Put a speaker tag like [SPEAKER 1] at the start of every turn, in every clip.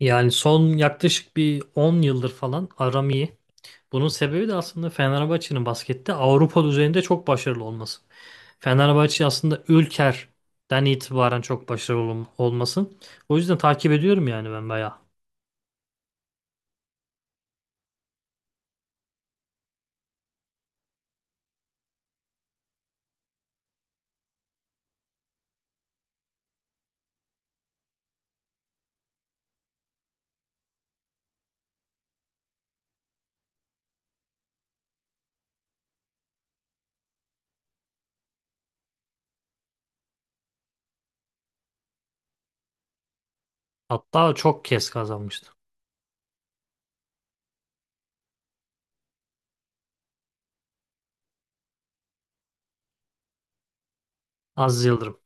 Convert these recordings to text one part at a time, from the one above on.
[SPEAKER 1] Yani son yaklaşık bir 10 yıldır falan aram iyi. Bunun sebebi de aslında Fenerbahçe'nin baskette Avrupa düzeyinde çok başarılı olması. Fenerbahçe aslında Ülker'den itibaren çok başarılı olması. O yüzden takip ediyorum yani ben bayağı. Hatta çok kez kazanmıştı. Aziz Yıldırım.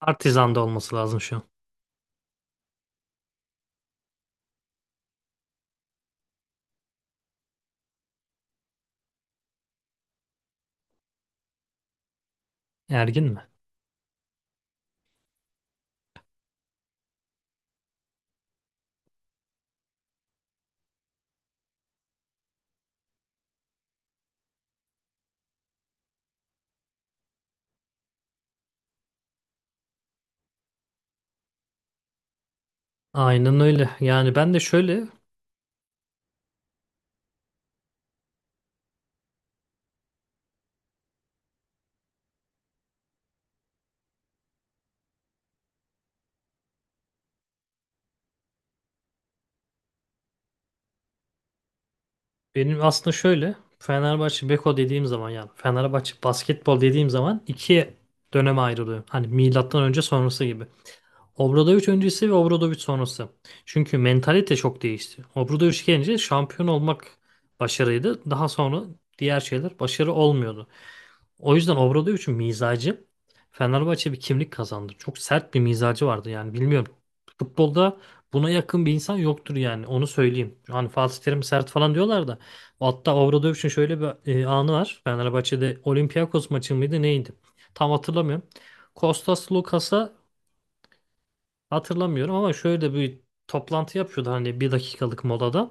[SPEAKER 1] Partizan'da olması lazım şu an. Ergin mi? Aynen öyle. Yani ben de şöyle. Benim aslında şöyle, Fenerbahçe Beko dediğim zaman yani Fenerbahçe basketbol dediğim zaman iki döneme ayrılıyor. Hani milattan önce sonrası gibi. Obradoviç öncesi ve Obradoviç sonrası. Çünkü mentalite çok değişti. Obradoviç gelince şampiyon olmak başarıydı. Daha sonra diğer şeyler başarı olmuyordu. O yüzden Obradoviç'in mizacı, Fenerbahçe bir kimlik kazandı. Çok sert bir mizacı vardı yani, bilmiyorum. Futbolda buna yakın bir insan yoktur yani, onu söyleyeyim. Hani Fatih Terim sert falan diyorlar da. Hatta Obradoviç'in şöyle bir anı var. Fenerbahçe'de Olympiakos maçı mıydı neydi? Tam hatırlamıyorum. Kostas Lukas'a, hatırlamıyorum ama, şöyle bir toplantı yapıyordu hani, bir dakikalık molada.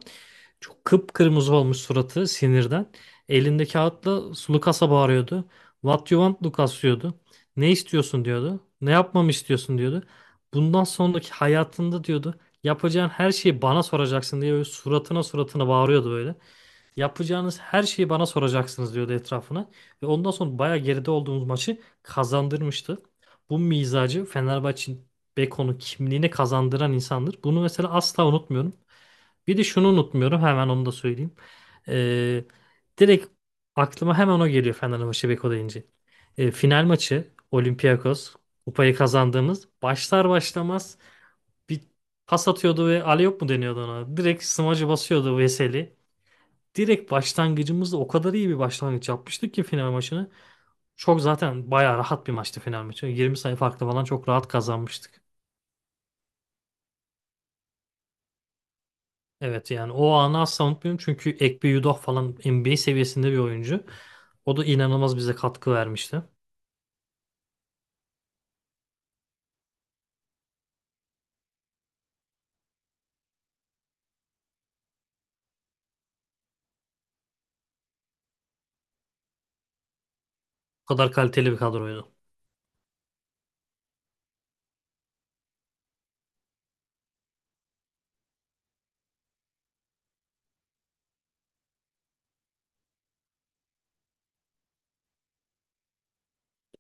[SPEAKER 1] Çok kıpkırmızı olmuş suratı sinirden. Elinde kağıtla Lucas'a bağırıyordu. What you want Lucas diyordu. Ne istiyorsun diyordu. Ne yapmamı istiyorsun diyordu. Bundan sonraki hayatında diyordu. Yapacağın her şeyi bana soracaksın diye böyle suratına suratına bağırıyordu böyle. Yapacağınız her şeyi bana soracaksınız diyordu etrafına. Ve ondan sonra bayağı geride olduğumuz maçı kazandırmıştı. Bu mizacı, Fenerbahçe'nin Beko'nun kimliğini kazandıran insandır. Bunu mesela asla unutmuyorum. Bir de şunu unutmuyorum, hemen onu da söyleyeyim. Ee, Direkt aklıma hemen o geliyor Fenerbahçe Beko deyince. Final maçı Olympiakos kupayı kazandığımız, başlar başlamaz bir pas atıyordu ve alley-oop mu deniyordu ona? Direkt smacı basıyordu Veseli. Direkt başlangıcımızda o kadar iyi bir başlangıç yapmıştık ki final maçını. Çok zaten bayağı rahat bir maçtı final maçı. 20 sayı farklı falan çok rahat kazanmıştık. Evet yani o anı asla unutmuyorum çünkü Ekpe Udoh falan NBA seviyesinde bir oyuncu. O da inanılmaz bize katkı vermişti. O kadar kaliteli bir kadroydu.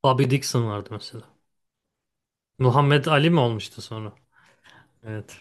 [SPEAKER 1] Bobby Dixon vardı mesela. Muhammed Ali mi olmuştu sonra? Evet.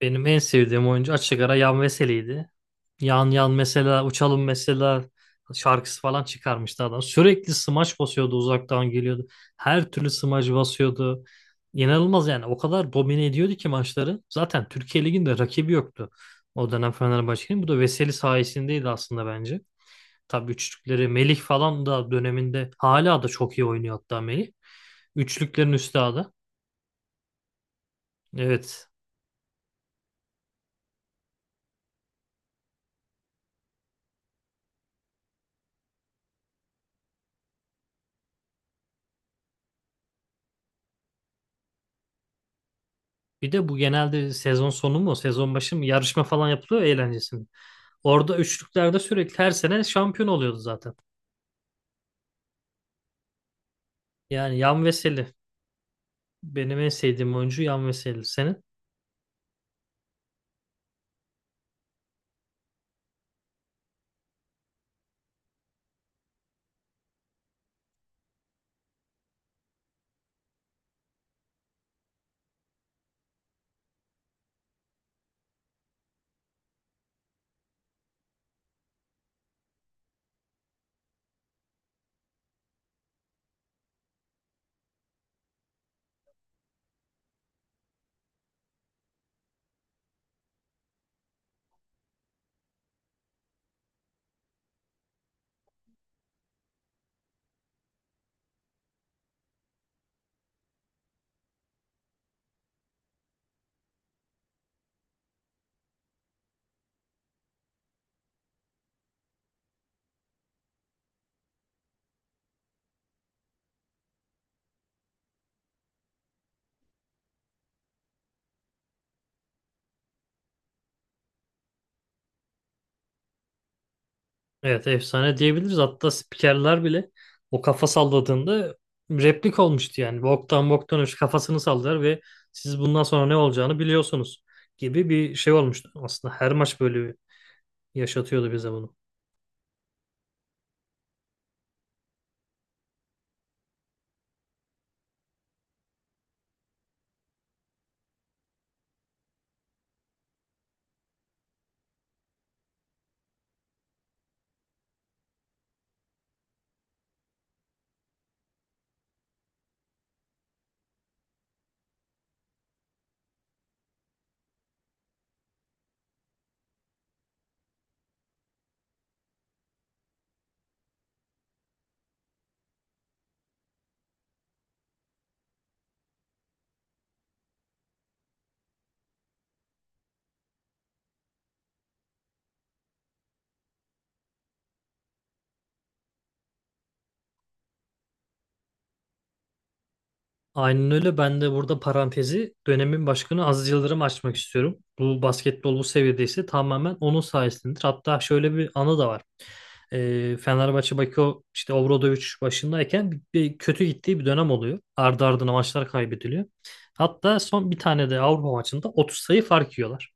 [SPEAKER 1] Benim en sevdiğim oyuncu açık ara Yan Veseli'ydi. Yan Yan mesela, Uçalım mesela şarkısı falan çıkarmıştı adam. Sürekli smaç basıyordu, uzaktan geliyordu. Her türlü smaç basıyordu. İnanılmaz yani, o kadar domine ediyordu ki maçları. Zaten Türkiye Ligi'nde rakibi yoktu o dönem Fenerbahçe'nin. Bu da Veseli sayesindeydi aslında bence. Tabii üçlükleri Melih falan da döneminde, hala da çok iyi oynuyor hatta Melih. Üçlüklerin üstadı. Evet. Bir de bu genelde sezon sonu mu, sezon başı mı yarışma falan yapılıyor ya eğlencesinde. Orada üçlüklerde sürekli her sene şampiyon oluyordu zaten. Yani Yan Veseli. Benim en sevdiğim oyuncu Yan Veseli, senin? Evet, efsane diyebiliriz. Hatta spikerler bile o kafa salladığında replik olmuştu yani. Bogdan Bogdanovic kafasını sallar ve siz bundan sonra ne olacağını biliyorsunuz gibi bir şey olmuştu. Aslında her maç böyle yaşatıyordu bize bunu. Aynen öyle. Ben de burada parantezi dönemin başkanı Aziz Yıldırım açmak istiyorum. Bu basketbol bu seviyedeyse tamamen onun sayesindedir. Hatta şöyle bir anı da var. Fenerbahçe Bakio işte Obradovic başındayken bir kötü gittiği bir dönem oluyor. Ardı ardına maçlar kaybediliyor. Hatta son bir tane de Avrupa maçında 30 sayı fark yiyorlar.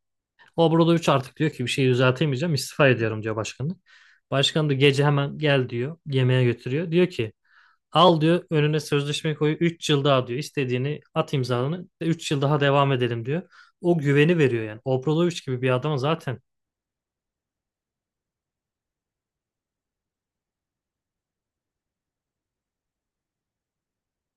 [SPEAKER 1] Obradovic artık diyor ki, bir şey düzeltemeyeceğim, istifa ediyorum diyor başkanı. Başkan da gece hemen gel diyor, yemeğe götürüyor. Diyor ki: Al diyor önüne sözleşme koyu, 3 yıl daha diyor, istediğini at imzalını, 3 yıl daha devam edelim diyor. O güveni veriyor yani Obradoviç gibi bir adama zaten.